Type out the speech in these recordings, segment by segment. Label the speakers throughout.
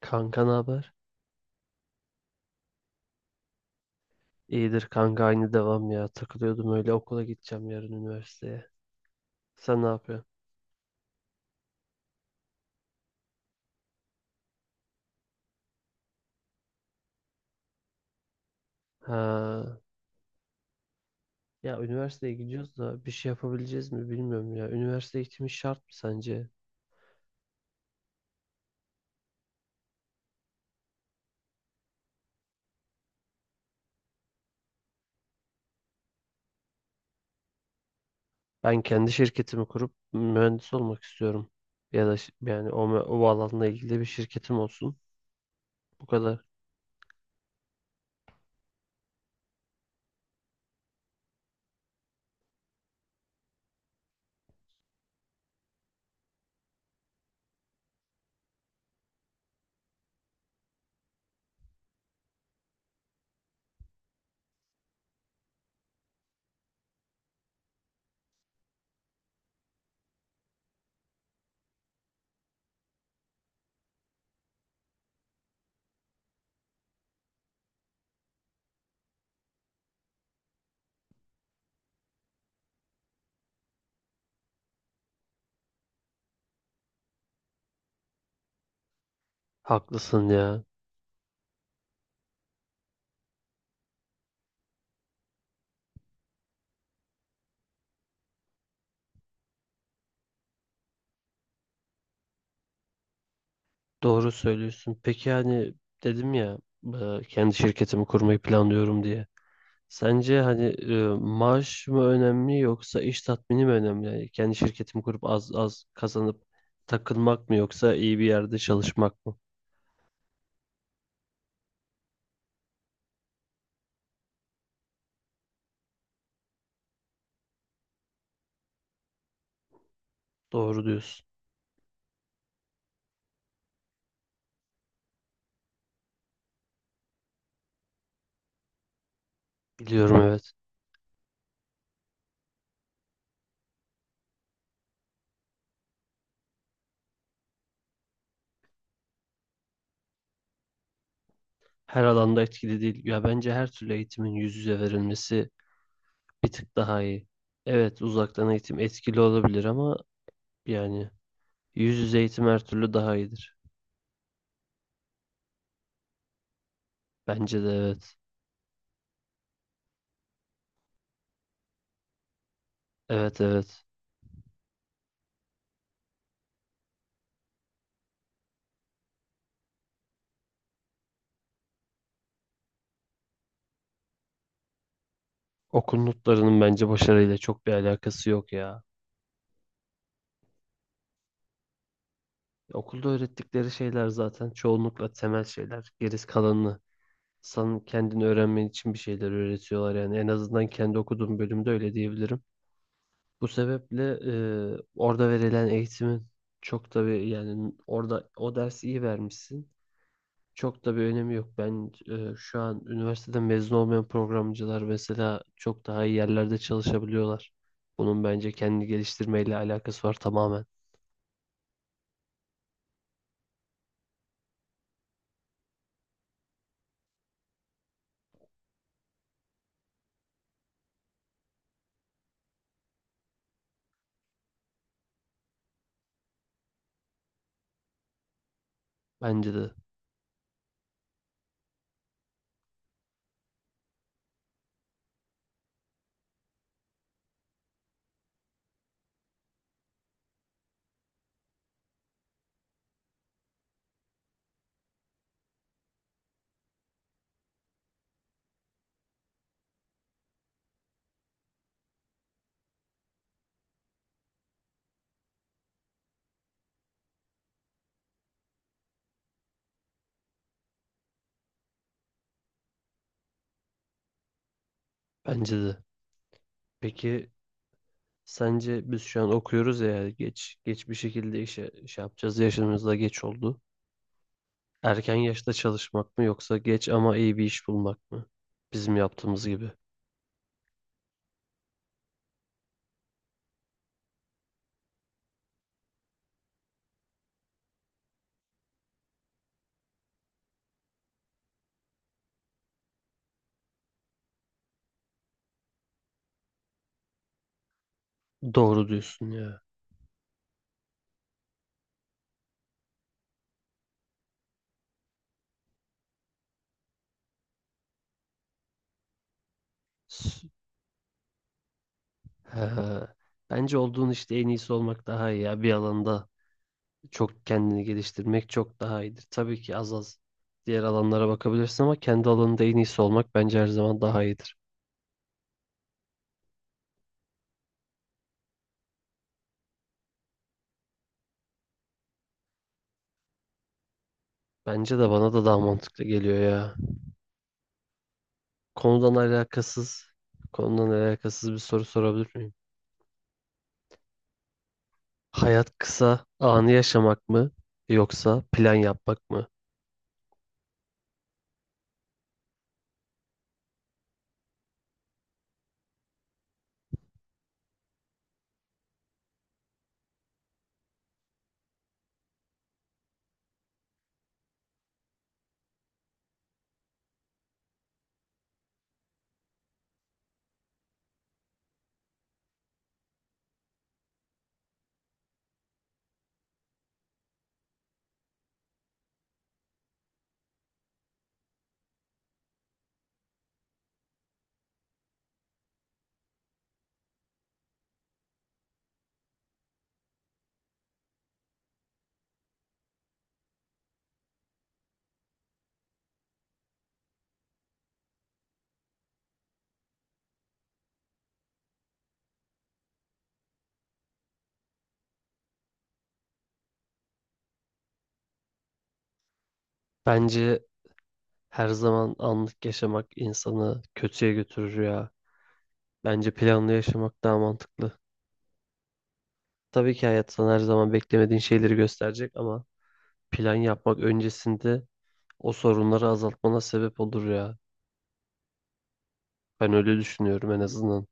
Speaker 1: Kanka ne haber? İyidir kanka aynı devam ya. Takılıyordum öyle okula gideceğim yarın üniversiteye. Sen ne yapıyorsun? Ha, ya üniversiteye gidiyoruz da bir şey yapabileceğiz mi bilmiyorum ya. Üniversite eğitimi şart mı sence? Ben kendi şirketimi kurup mühendis olmak istiyorum. Ya da o alanla ilgili bir şirketim olsun. Bu kadar. Haklısın ya. Doğru söylüyorsun. Peki yani dedim ya kendi şirketimi kurmayı planlıyorum diye. Sence hani maaş mı önemli yoksa iş tatmini mi önemli? Yani kendi şirketimi kurup az az kazanıp takılmak mı yoksa iyi bir yerde çalışmak mı? Doğru diyorsun. Biliyorum, evet. Her alanda etkili değil. Ya bence her türlü eğitimin yüz yüze verilmesi bir tık daha iyi. Evet, uzaktan eğitim etkili olabilir ama yani yüz yüze eğitim her türlü daha iyidir. Bence de evet. Evet, evet. Okul notlarının bence başarıyla çok bir alakası yok ya. Okulda öğrettikleri şeyler zaten çoğunlukla temel şeyler. Gerisi kalanını sen kendini öğrenmen için bir şeyler öğretiyorlar yani. En azından kendi okuduğum bölümde öyle diyebilirim. Bu sebeple orada verilen eğitimin çok da bir yani orada o dersi iyi vermişsin. Çok da bir önemi yok. Ben şu an üniversiteden mezun olmayan programcılar mesela çok daha iyi yerlerde çalışabiliyorlar. Bunun bence kendini geliştirmeyle alakası var tamamen. Bence de. Bence de. Peki sence biz şu an okuyoruz ya geç bir şekilde işe şey yapacağız yaşımızda geç oldu. Erken yaşta çalışmak mı yoksa geç ama iyi bir iş bulmak mı? Bizim yaptığımız gibi. Doğru diyorsun ya. S- He. Bence olduğun işte en iyisi olmak daha iyi ya. Bir alanda çok kendini geliştirmek çok daha iyidir. Tabii ki az az diğer alanlara bakabilirsin ama kendi alanında en iyisi olmak bence her zaman daha iyidir. Bence de, bana da daha mantıklı geliyor ya. Konudan alakasız, konudan alakasız bir soru sorabilir miyim? Hayat kısa, anı yaşamak mı yoksa plan yapmak mı? Bence her zaman anlık yaşamak insanı kötüye götürür ya. Bence planlı yaşamak daha mantıklı. Tabii ki hayat sana her zaman beklemediğin şeyleri gösterecek ama plan yapmak öncesinde o sorunları azaltmana sebep olur ya. Ben öyle düşünüyorum, en azından.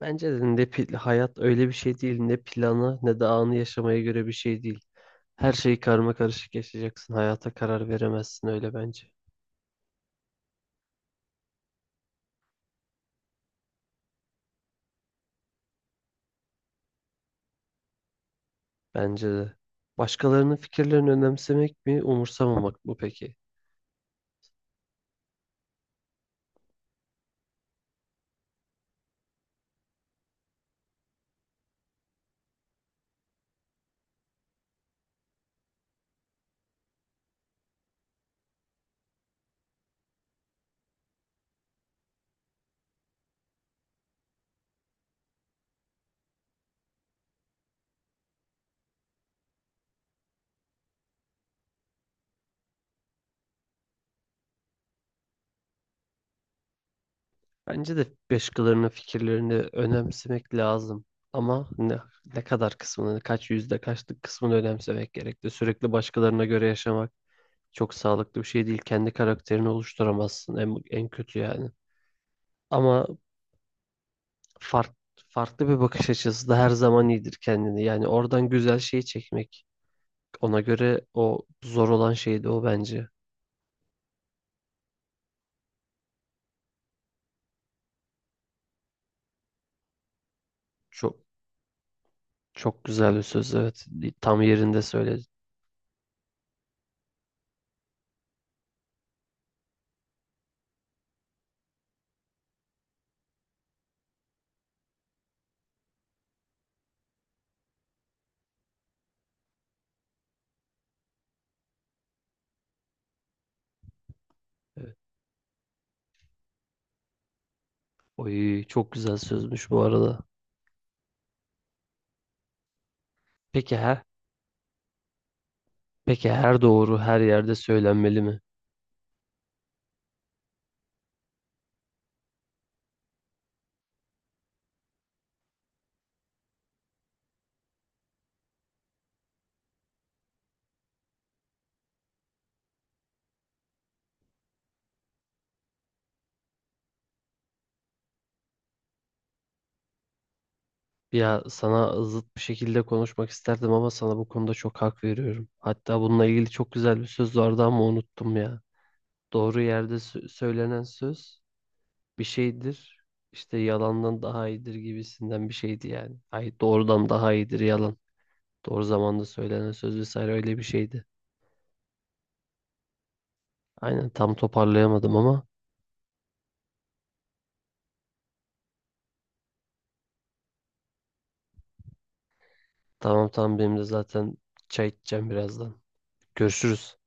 Speaker 1: Bence de hayat öyle bir şey değil, ne planı ne de anı yaşamaya göre bir şey değil. Her şeyi karma karışık yaşayacaksın. Hayata karar veremezsin öyle bence. Bence de. Başkalarının fikirlerini önemsemek mi, umursamamak mı peki? Bence de başkalarının fikirlerini önemsemek lazım. Ama ne kadar kısmını, yüzde kaçlık kısmını önemsemek gerekli. Sürekli başkalarına göre yaşamak çok sağlıklı bir şey değil. Kendi karakterini oluşturamazsın en kötü yani. Ama fark, farklı bir bakış açısı da her zaman iyidir kendini. Yani oradan güzel şeyi çekmek. Ona göre o zor olan şeydi o bence. Çok, çok güzel bir söz, evet. Tam yerinde söyledin. Evet. Oy, çok güzel sözmüş bu arada. Peki her peki her doğru her yerde söylenmeli mi? Ya sana zıt bir şekilde konuşmak isterdim ama sana bu konuda çok hak veriyorum. Hatta bununla ilgili çok güzel bir söz vardı ama unuttum ya. Doğru yerde söylenen söz bir şeydir. İşte yalandan daha iyidir gibisinden bir şeydi yani. Ay, doğrudan daha iyidir yalan. Doğru zamanda söylenen söz vesaire, öyle bir şeydi. Aynen, tam toparlayamadım ama tamam, benim de zaten çay içeceğim birazdan. Görüşürüz.